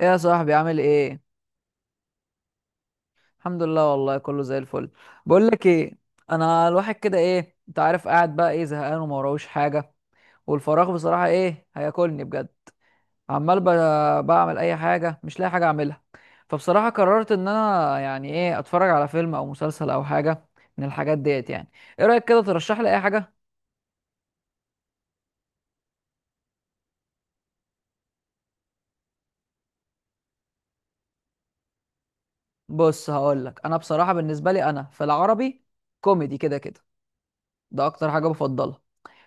ايه يا صاحبي عامل ايه؟ الحمد لله، والله كله زي الفل. بقول لك ايه. انا الواحد كده ايه انت عارف قاعد بقى ايه زهقان وما وراهوش حاجه. والفراغ بصراحه ايه هياكلني بجد. عمال بعمل اي حاجه مش لاقي حاجه اعملها. فبصراحه قررت ان انا يعني ايه اتفرج على فيلم او مسلسل او حاجه من الحاجات ديت يعني. ايه رايك كده ترشح لي اي حاجه؟ بص هقول لك، انا بصراحه بالنسبه لي انا في العربي كوميدي كده كده، ده اكتر حاجه بفضلها.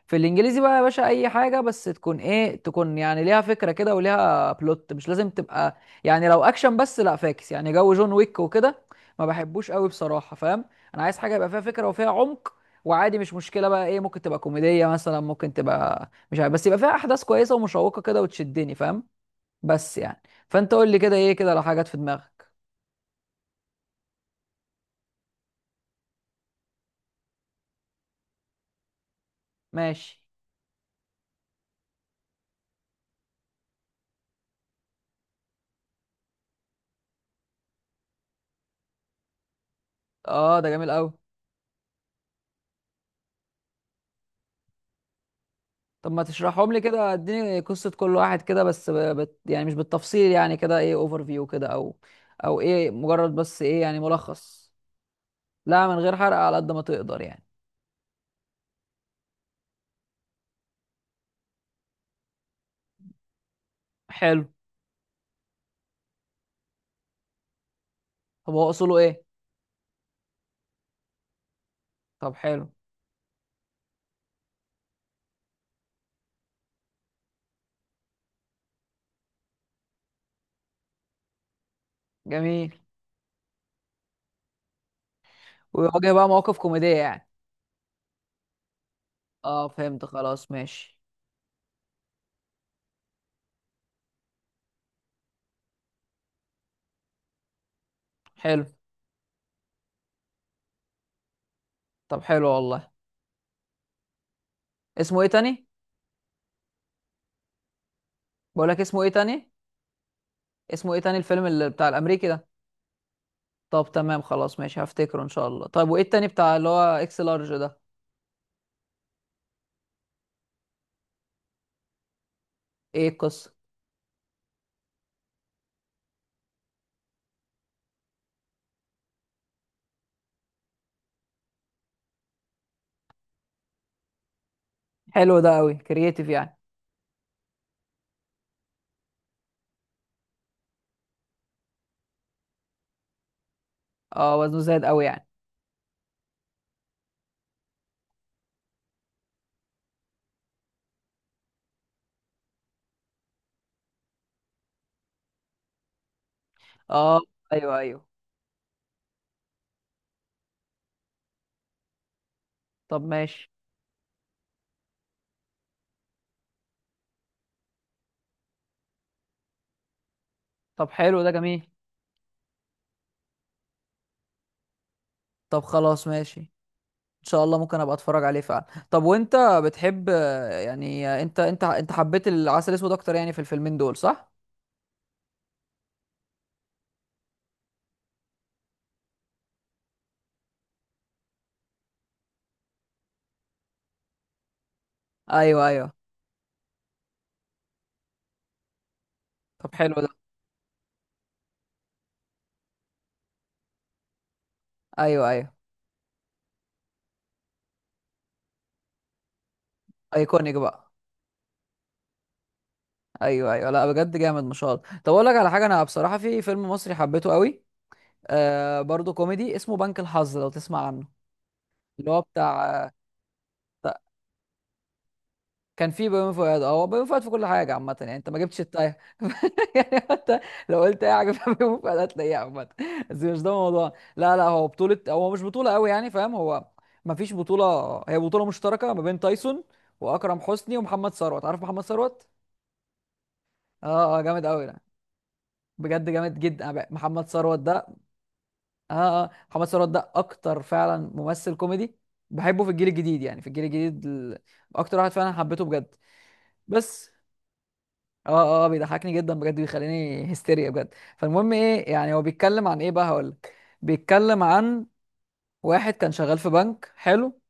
في الانجليزي بقى يا باشا اي حاجه بس تكون ايه تكون يعني ليها فكره كده وليها بلوت، مش لازم تبقى يعني لو اكشن بس لا فاكس، يعني جو جون ويك وكده ما بحبوش قوي بصراحه، فاهم؟ انا عايز حاجه يبقى فيها فكره وفيها عمق. وعادي مش مشكله بقى ايه، ممكن تبقى كوميديه مثلا، ممكن تبقى مش عارف، بس يبقى فيها احداث كويسه ومشوقه كده وتشدني، فاهم؟ بس يعني، فانت قول لي كده ايه كده لو حاجات في دماغك. ماشي. اه، ده جميل قوي. طب ما تشرحهم لي كده، اديني قصة كل واحد كده بس يعني مش بالتفصيل، يعني كده ايه اوفر فيو كده، او او ايه مجرد بس ايه يعني ملخص. لا من غير حرق على قد ما تقدر يعني. حلو. طب هو اصوله ايه؟ طب حلو. جميل. ويواجه بقى مواقف كوميدية يعني. اه، فهمت خلاص ماشي. حلو. طب حلو والله. اسمه ايه تاني؟ بقول لك اسمه ايه تاني. اسمه ايه تاني الفيلم اللي بتاع الامريكي ده؟ طب تمام، خلاص ماشي هفتكره ان شاء الله. طيب وايه التاني بتاع اللي هو اكس لارج ده؟ ايه القصة؟ حلو، ده قوي كرييتيف يعني. اه، وزنه زايد قوي يعني. اه، ايوه ايوه. طب ماشي. طب حلو ده جميل. طب خلاص ماشي ان شاء الله ممكن ابقى اتفرج عليه فعلا. طب وانت بتحب يعني انت حبيت العسل الاسود اكتر يعني في الفيلمين دول، صح؟ ايوه ايوه. طب حلو ده. ايوه ايوه. ايكونيك بقى. ايوه ايوه، لا بجد جامد ما شاء الله. طب اقول لك على حاجه، انا بصراحه في فيلم مصري حبيته قوي، آه برضه كوميدي اسمه بنك الحظ، لو تسمع عنه. اللي هو بتاع كان في بيومي فؤاد، اه هو بيومي فؤاد في كل حاجه عامه يعني، انت ما جبتش التايه. يعني حتى لو قلت اي حاجه في بيومي فؤاد هتلاقيها عامه. بس مش ده الموضوع، لا لا، هو بطوله، هو مش بطوله قوي يعني، فاهم؟ هو ما فيش بطوله. هي بطوله مشتركه ما بين تايسون واكرم حسني ومحمد ثروت، عارف محمد ثروت؟ اه اه جامد قوي ده. بجد جامد جدا، أنا محمد ثروت ده، اه اه محمد ثروت ده اكتر فعلا ممثل كوميدي بحبه في الجيل الجديد، يعني في الجيل الجديد اكتر واحد فعلا حبيته بجد. بس اه اه بيضحكني جدا بجد، بيخليني هستيريا بجد. فالمهم ايه يعني هو بيتكلم عن ايه بقى هقولك. بيتكلم عن واحد كان شغال في بنك، حلو،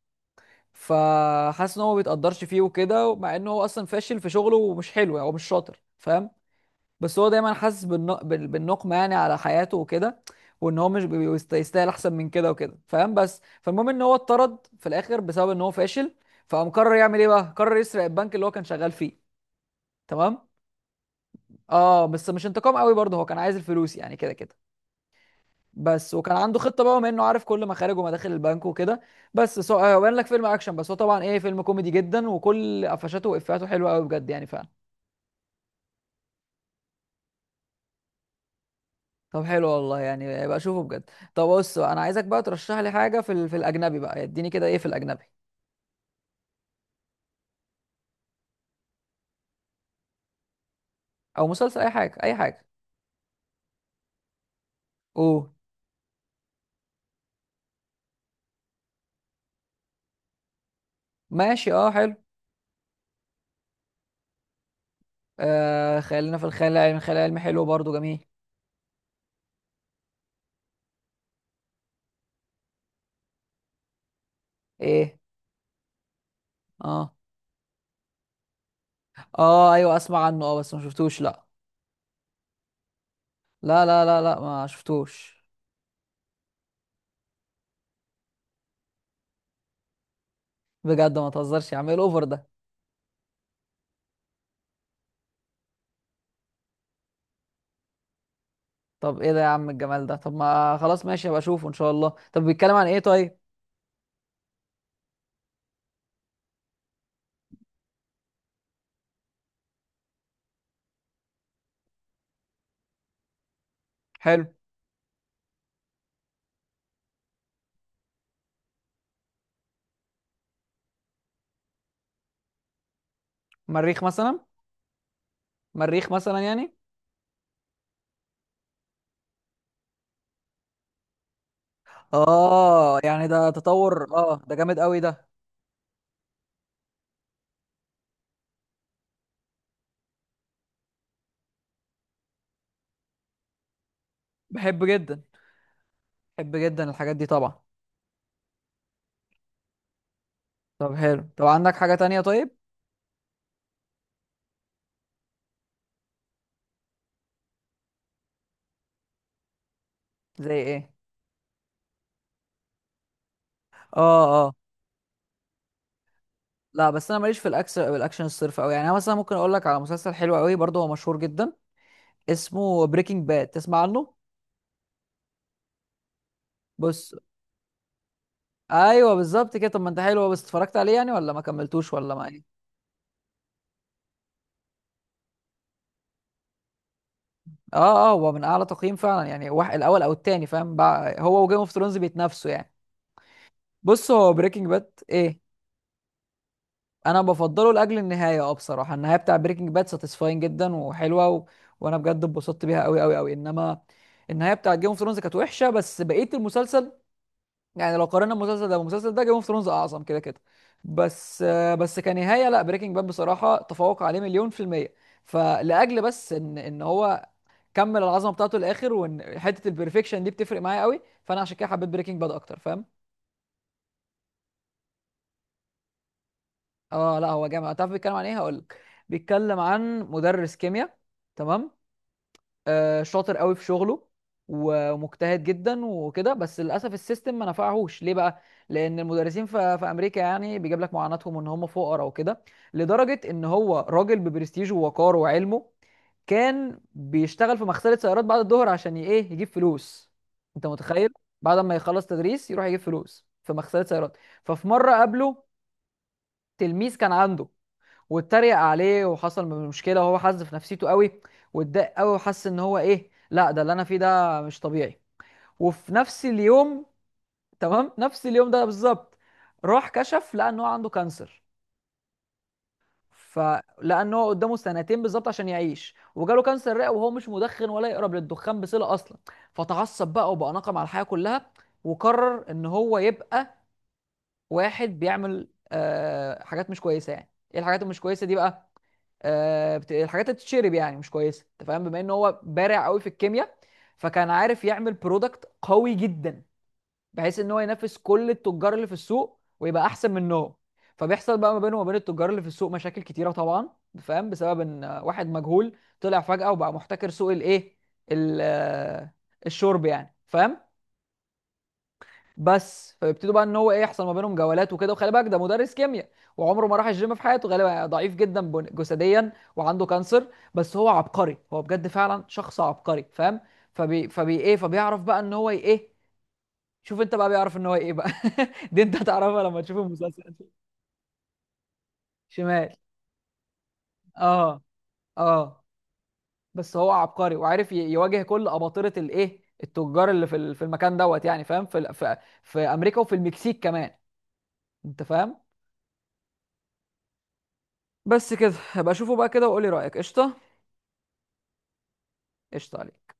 فحاسس ان هو ما بيتقدرش فيه وكده، مع ان هو اصلا فاشل في شغله ومش حلو يعني، هو مش شاطر، فاهم؟ بس هو دايما حاسس بالنقمه يعني على حياته وكده، وان هو مش يستاهل احسن من كده وكده، فاهم؟ بس فالمهم ان هو اتطرد في الاخر بسبب ان هو فاشل. فقام قرر يعمل ايه بقى، قرر يسرق البنك اللي هو كان شغال فيه. تمام. اه، بس مش انتقام قوي برضه، هو كان عايز الفلوس يعني كده كده بس، وكان عنده خطه بقى بما انه عارف كل مخارج ومداخل البنك وكده. بس سو... آه، بان لك فيلم اكشن بس هو طبعا ايه، فيلم كوميدي جدا، وكل قفشاته وافاته حلوه قوي بجد يعني فعلا. طب حلو والله، يعني بقى اشوفه بجد. طب بص بقى، انا عايزك بقى ترشح لي حاجه في الاجنبي بقى، اديني كده ايه في الاجنبي. او مسلسل اي حاجه اي حاجه. اوه. ماشي اه حلو. آه خلينا في الخيال العلمي، الخيال العلمي حلو برضه جميل. ايه. اه اه ايوه اسمع عنه، اه بس ما شفتوش، لا. لا لا لا لا ما شفتوش. بجد ما تهزرش يا عم، ايه الاوفر ده؟ طب ايه ده يا عم الجمال ده، طب ما خلاص ماشي هبقى اشوفه ان شاء الله، طب بيتكلم عن ايه طيب؟ حلو. مريخ مثلا. مريخ مثلا يعني. اه يعني ده تطور، اه ده جامد قوي ده. بحب جدا، بحب جدا الحاجات دي طبعا. طب حلو، طب عندك حاجة تانية طيب؟ زي ايه؟ اه اه. لا بس انا ماليش في الاكشن، الاكشن الصرف قوي يعني، انا مثلا ممكن اقول لك على مسلسل حلو قوي برضه، هو مشهور جدا، اسمه بريكنج باد، تسمع عنه؟ بص. ايوه بالظبط كده، طب ما انت حلو، هو بس اتفرجت عليه يعني ولا ما كملتوش ولا ما ايه؟ اه اه، هو من اعلى تقييم فعلا يعني، واحد الاول او التاني، فاهم بقى؟ هو وجيم اوف ثرونز بيتنافسوا يعني. بص هو بريكنج باد ايه، انا بفضله لاجل النهايه، اه بصراحه النهايه بتاع بريكنج باد ساتيسفاين جدا وحلوه و... وانا بجد اتبسطت بيها قوي قوي قوي، انما النهايه بتاع جيم اوف ثرونز كانت وحشه، بس بقيه المسلسل يعني لو قارنا المسلسل ده بالمسلسل ده، جيم اوف ثرونز اعظم كده كده، بس بس كنهايه لا، بريكنج باد بصراحه تفوق عليه مليون في الميه. فلاجل بس ان هو كمل العظمه بتاعته للاخر، وان حته البرفكشن دي بتفرق معايا قوي، فانا عشان كده حبيت بريكنج باد اكتر، فاهم؟ اه لا هو جامد، تعرف بيتكلم عن ايه؟ هقول لك. بيتكلم عن مدرس كيمياء، تمام، شاطر قوي في شغله ومجتهد جدا وكده، بس للاسف السيستم ما نفعهوش ليه بقى، لان المدرسين في امريكا يعني بيجيب لك معاناتهم ان هم فقراء وكده، لدرجه ان هو راجل ببرستيجه ووقاره وعلمه كان بيشتغل في مغسله سيارات بعد الظهر عشان ي- ايه يجيب فلوس. انت متخيل؟ بعد ما يخلص تدريس يروح يجيب فلوس في مغسله سيارات. ففي مره قابله تلميذ كان عنده، واتريق عليه وحصل مشكله، وهو حز في نفسيته قوي، واتضايق قوي، وحس ان هو ايه، لا ده اللي انا فيه ده مش طبيعي. وفي نفس اليوم، تمام، نفس اليوم ده بالظبط راح كشف لقى ان هو عنده كانسر، فلان هو قدامه سنتين بالظبط عشان يعيش وجاله كانسر رئه، وهو مش مدخن ولا يقرب للدخان بصله اصلا. فتعصب بقى وبقى ناقم على الحياه كلها، وقرر ان هو يبقى واحد بيعمل آه حاجات مش كويسه، يعني ايه الحاجات المش كويسه دي بقى، الحاجات اللي بتتشرب يعني مش كويسه، انت فاهم، بما ان هو بارع قوي في الكيمياء، فكان عارف يعمل برودكت قوي جدا، بحيث ان هو ينافس كل التجار اللي في السوق ويبقى احسن منهم. فبيحصل بقى ما بينه وما بين التجار اللي في السوق مشاكل كتيره طبعا، فاهم؟ بسبب ان واحد مجهول طلع فجأة وبقى محتكر سوق الايه ال- آه، الشرب يعني، فاهم؟ بس فيبتدوا بقى ان هو ايه يحصل ما بينهم جولات وكده، وخلي بالك ده مدرس كيمياء وعمره ما راح الجيم في حياته غالبا، ضعيف جدا جسديا وعنده كانسر. بس هو عبقري، هو بجد فعلا شخص عبقري، فاهم؟ فبيعرف بقى ان هو ايه، شوف انت بقى بيعرف ان هو ايه بقى. دي انت هتعرفها لما تشوف المسلسل. شمال. اه اه. بس هو عبقري وعارف يواجه كل اباطره الايه التجار اللي في المكان دوت يعني، فاهم؟ في في امريكا وفي المكسيك كمان، انت فاهم؟ بس كده هبقى اشوفه بقى كده وقولي رأيك، قشطة. قشطة عليك.